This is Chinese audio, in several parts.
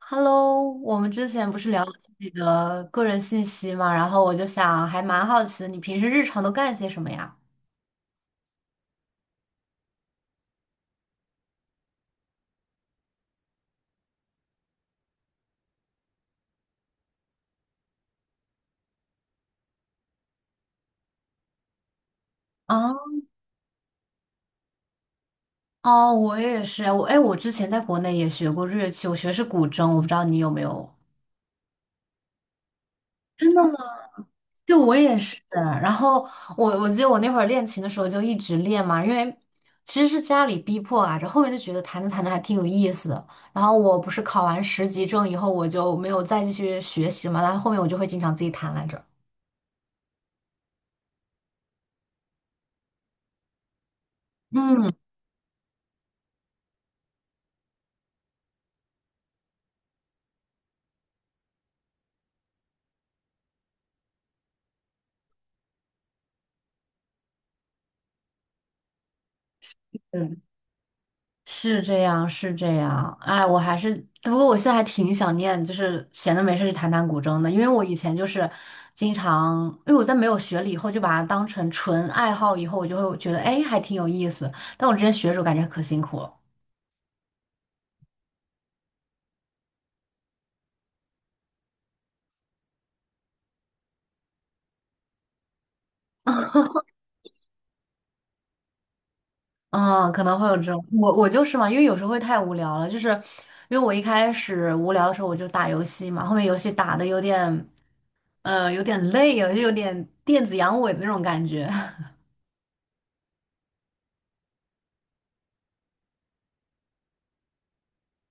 Hello，我们之前不是聊了自己的个人信息嘛，然后我就想，还蛮好奇的，你平时日常都干些什么呀？啊，哦，我也是啊，我之前在国内也学过日乐器，我学的是古筝，我不知道你有没有。对，我也是。然后我记得我那会儿练琴的时候就一直练嘛，因为其实是家里逼迫啊，这后面就觉得弹着弹着还挺有意思的。然后我不是考完十级证以后，我就没有再继续学习嘛，但后面我就会经常自己弹来着。嗯。是这样，是这样。哎，我还是，不过我现在还挺想念，就是闲的没事去弹弹古筝的，因为我以前就是经常，因为我在没有学了以后，就把它当成纯爱好，以后我就会觉得，哎，还挺有意思。但我之前学的时候感觉可辛苦了，嗯，可能会有这种，我就是嘛，因为有时候会太无聊了，就是因为我一开始无聊的时候我就打游戏嘛，后面游戏打的有点，有点累了，就有点电子阳痿的那种感觉。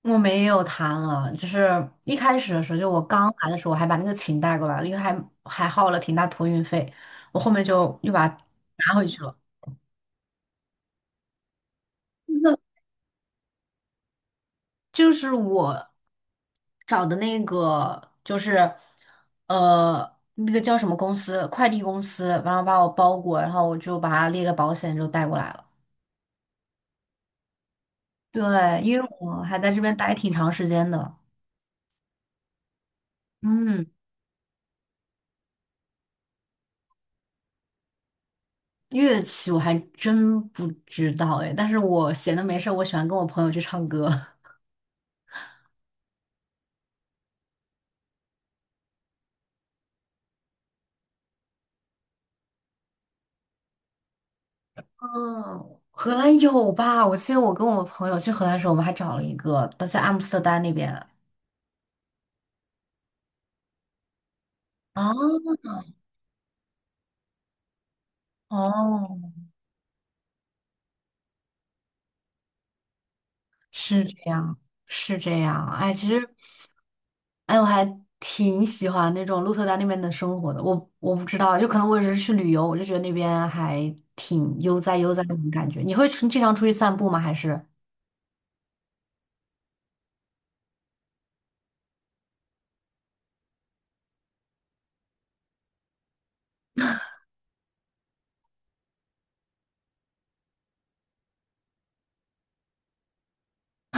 我没有弹了，就是一开始的时候，就我刚来的时候，我还把那个琴带过来了，因为还耗了挺大托运费，我后面就又把它拿回去了。就是我找的那个，就是那个叫什么公司，快递公司，然后把我包裹，然后我就把它列个保险，就带过来了。对，因为我还在这边待挺长时间的。嗯，乐器我还真不知道哎，但是我闲的没事儿，我喜欢跟我朋友去唱歌。嗯，荷兰有吧？我记得我跟我朋友去荷兰的时候，我们还找了一个，都在阿姆斯特丹那边。啊，哦，是这样，是这样。哎，其实，哎，我还挺喜欢那种鹿特丹那边的生活的。我不知道，就可能我只是去旅游，我就觉得那边还挺悠哉悠哉那种感觉。你会出经常出去散步吗？还是？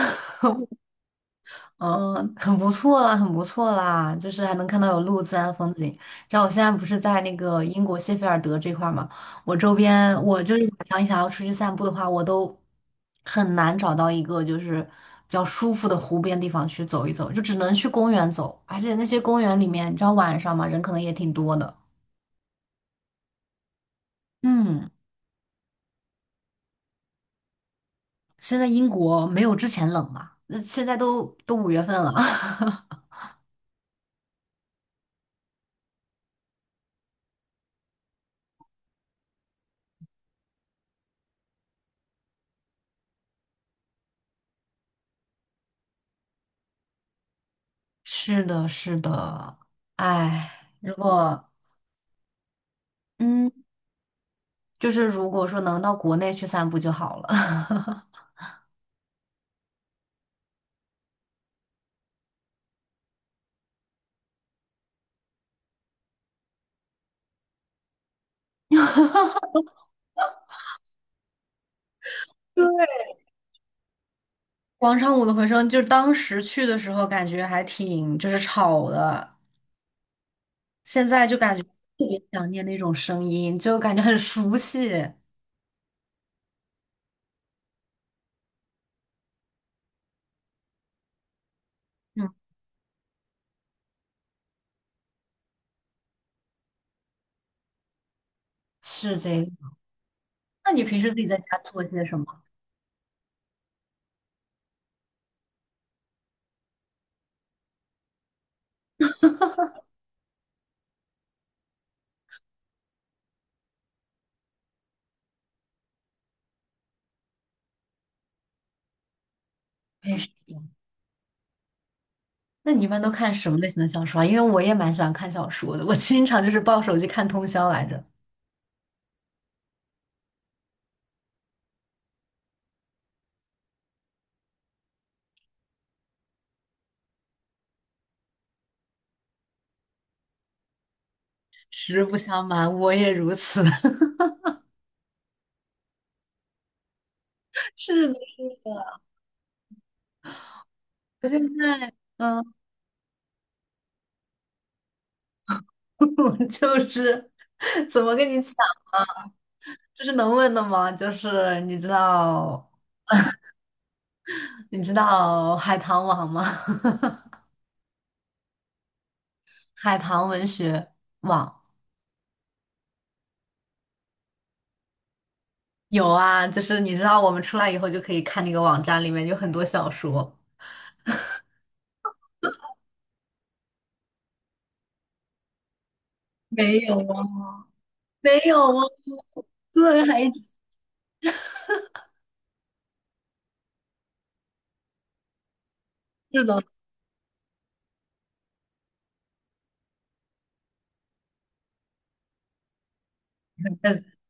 嗯，很不错啦，很不错啦，就是还能看到有路自然风景。然后我现在不是在那个英国谢菲尔德这块儿嘛，我周边我就是晚上想要出去散步的话，我都很难找到一个就是比较舒服的湖边地方去走一走，就只能去公园走。而且那些公园里面，你知道晚上嘛，人可能也挺多的。嗯，现在英国没有之前冷吧？那现在都五月份了。是的，是的，哎，如果。嗯。就是如果说能到国内去散步就好了。对，广场舞的回声，就是当时去的时候感觉还挺就是吵的，现在就感觉特别想念那种声音，就感觉很熟悉。嗯，是这样。那你平时自己在家做些什么？平时，那你一般都看什么类型的小说啊？因为我也蛮喜欢看小说的，我经常就是抱手机看通宵来着。实不相瞒，我也如此。是的，是的。我现在，嗯，我就是。怎么跟你讲？这是能问的吗？就是你知道，海棠网吗？海棠文学网有啊，就是你知道我们出来以后就可以看那个网站，里面有很多小说。没有啊，没有啊，对，还一直是的。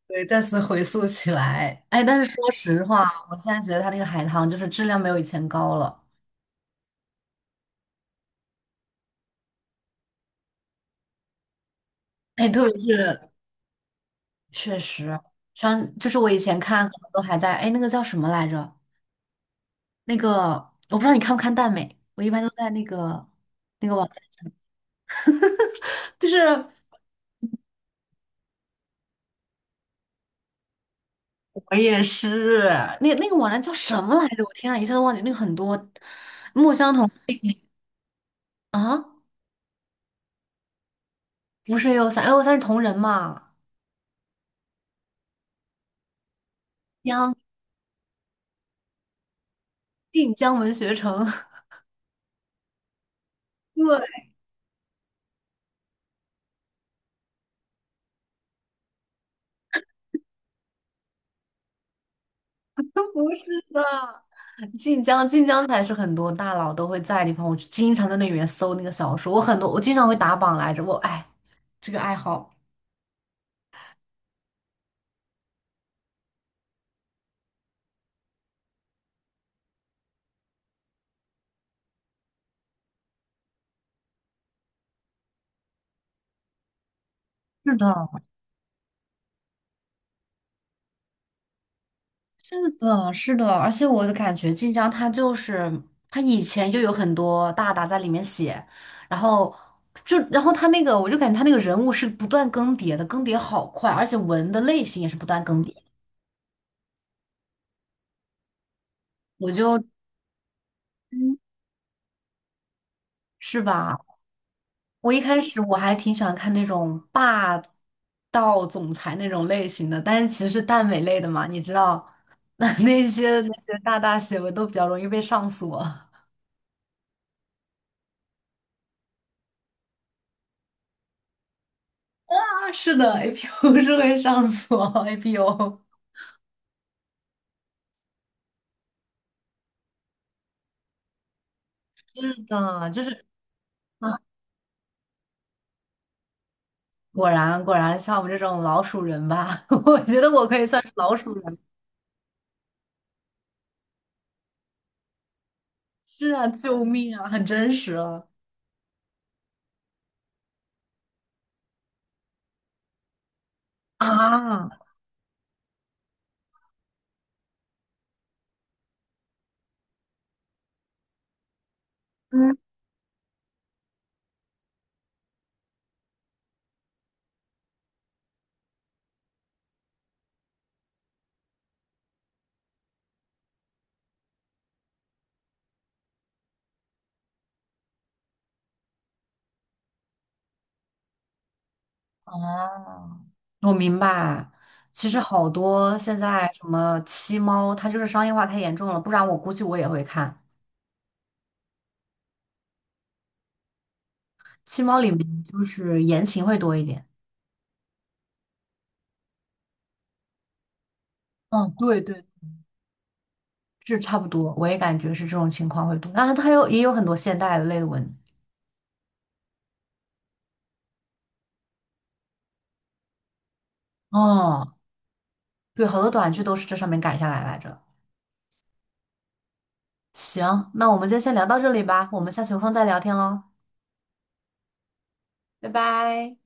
对，再次回溯起来，哎，但是说实话，我现在觉得它那个海棠就是质量没有以前高了，哎，特别是确实，像就是我以前看可能都还在，哎，那个叫什么来着？那个我不知道你看不看耽美，我一般都在那个网站，就是我也是，那个网站叫什么来着？我天啊，一下子忘记。那个很多墨香铜啊，不是 AO 三，AO 三是同人嘛？江晋江文学城，对，不是的，晋江才是很多大佬都会在的地方。我就经常在那里面搜那个小说，我很多我经常会打榜来着。我哎，这个爱好。是的。是的，是的，而且我的感觉，晋江它就是它以前就有很多大大在里面写，然后他那个，我就感觉他那个人物是不断更迭的，更迭好快，而且文的类型也是不断更迭。我就，嗯是吧？我一开始我还挺喜欢看那种霸道总裁那种类型的，但是其实是耽美类的嘛，你知道，那些大大写文都比较容易被上锁。是的，APO 是会上锁，APO。是的，就是啊，果然像我们这种老鼠人吧，我觉得我可以算是老鼠人是啊，救命啊，很真实啊啊。嗯，哦，我明白。其实好多现在什么七猫，它就是商业化太严重了，不然我估计我也会看。七猫里面就是言情会多一点。嗯，对对是差不多，我也感觉是这种情况会多。啊，它有也有很多现代类的文，哦，对，好多短剧都是这上面改下来来着。行，那我们就先聊到这里吧，我们下次有空再聊天喽，拜拜。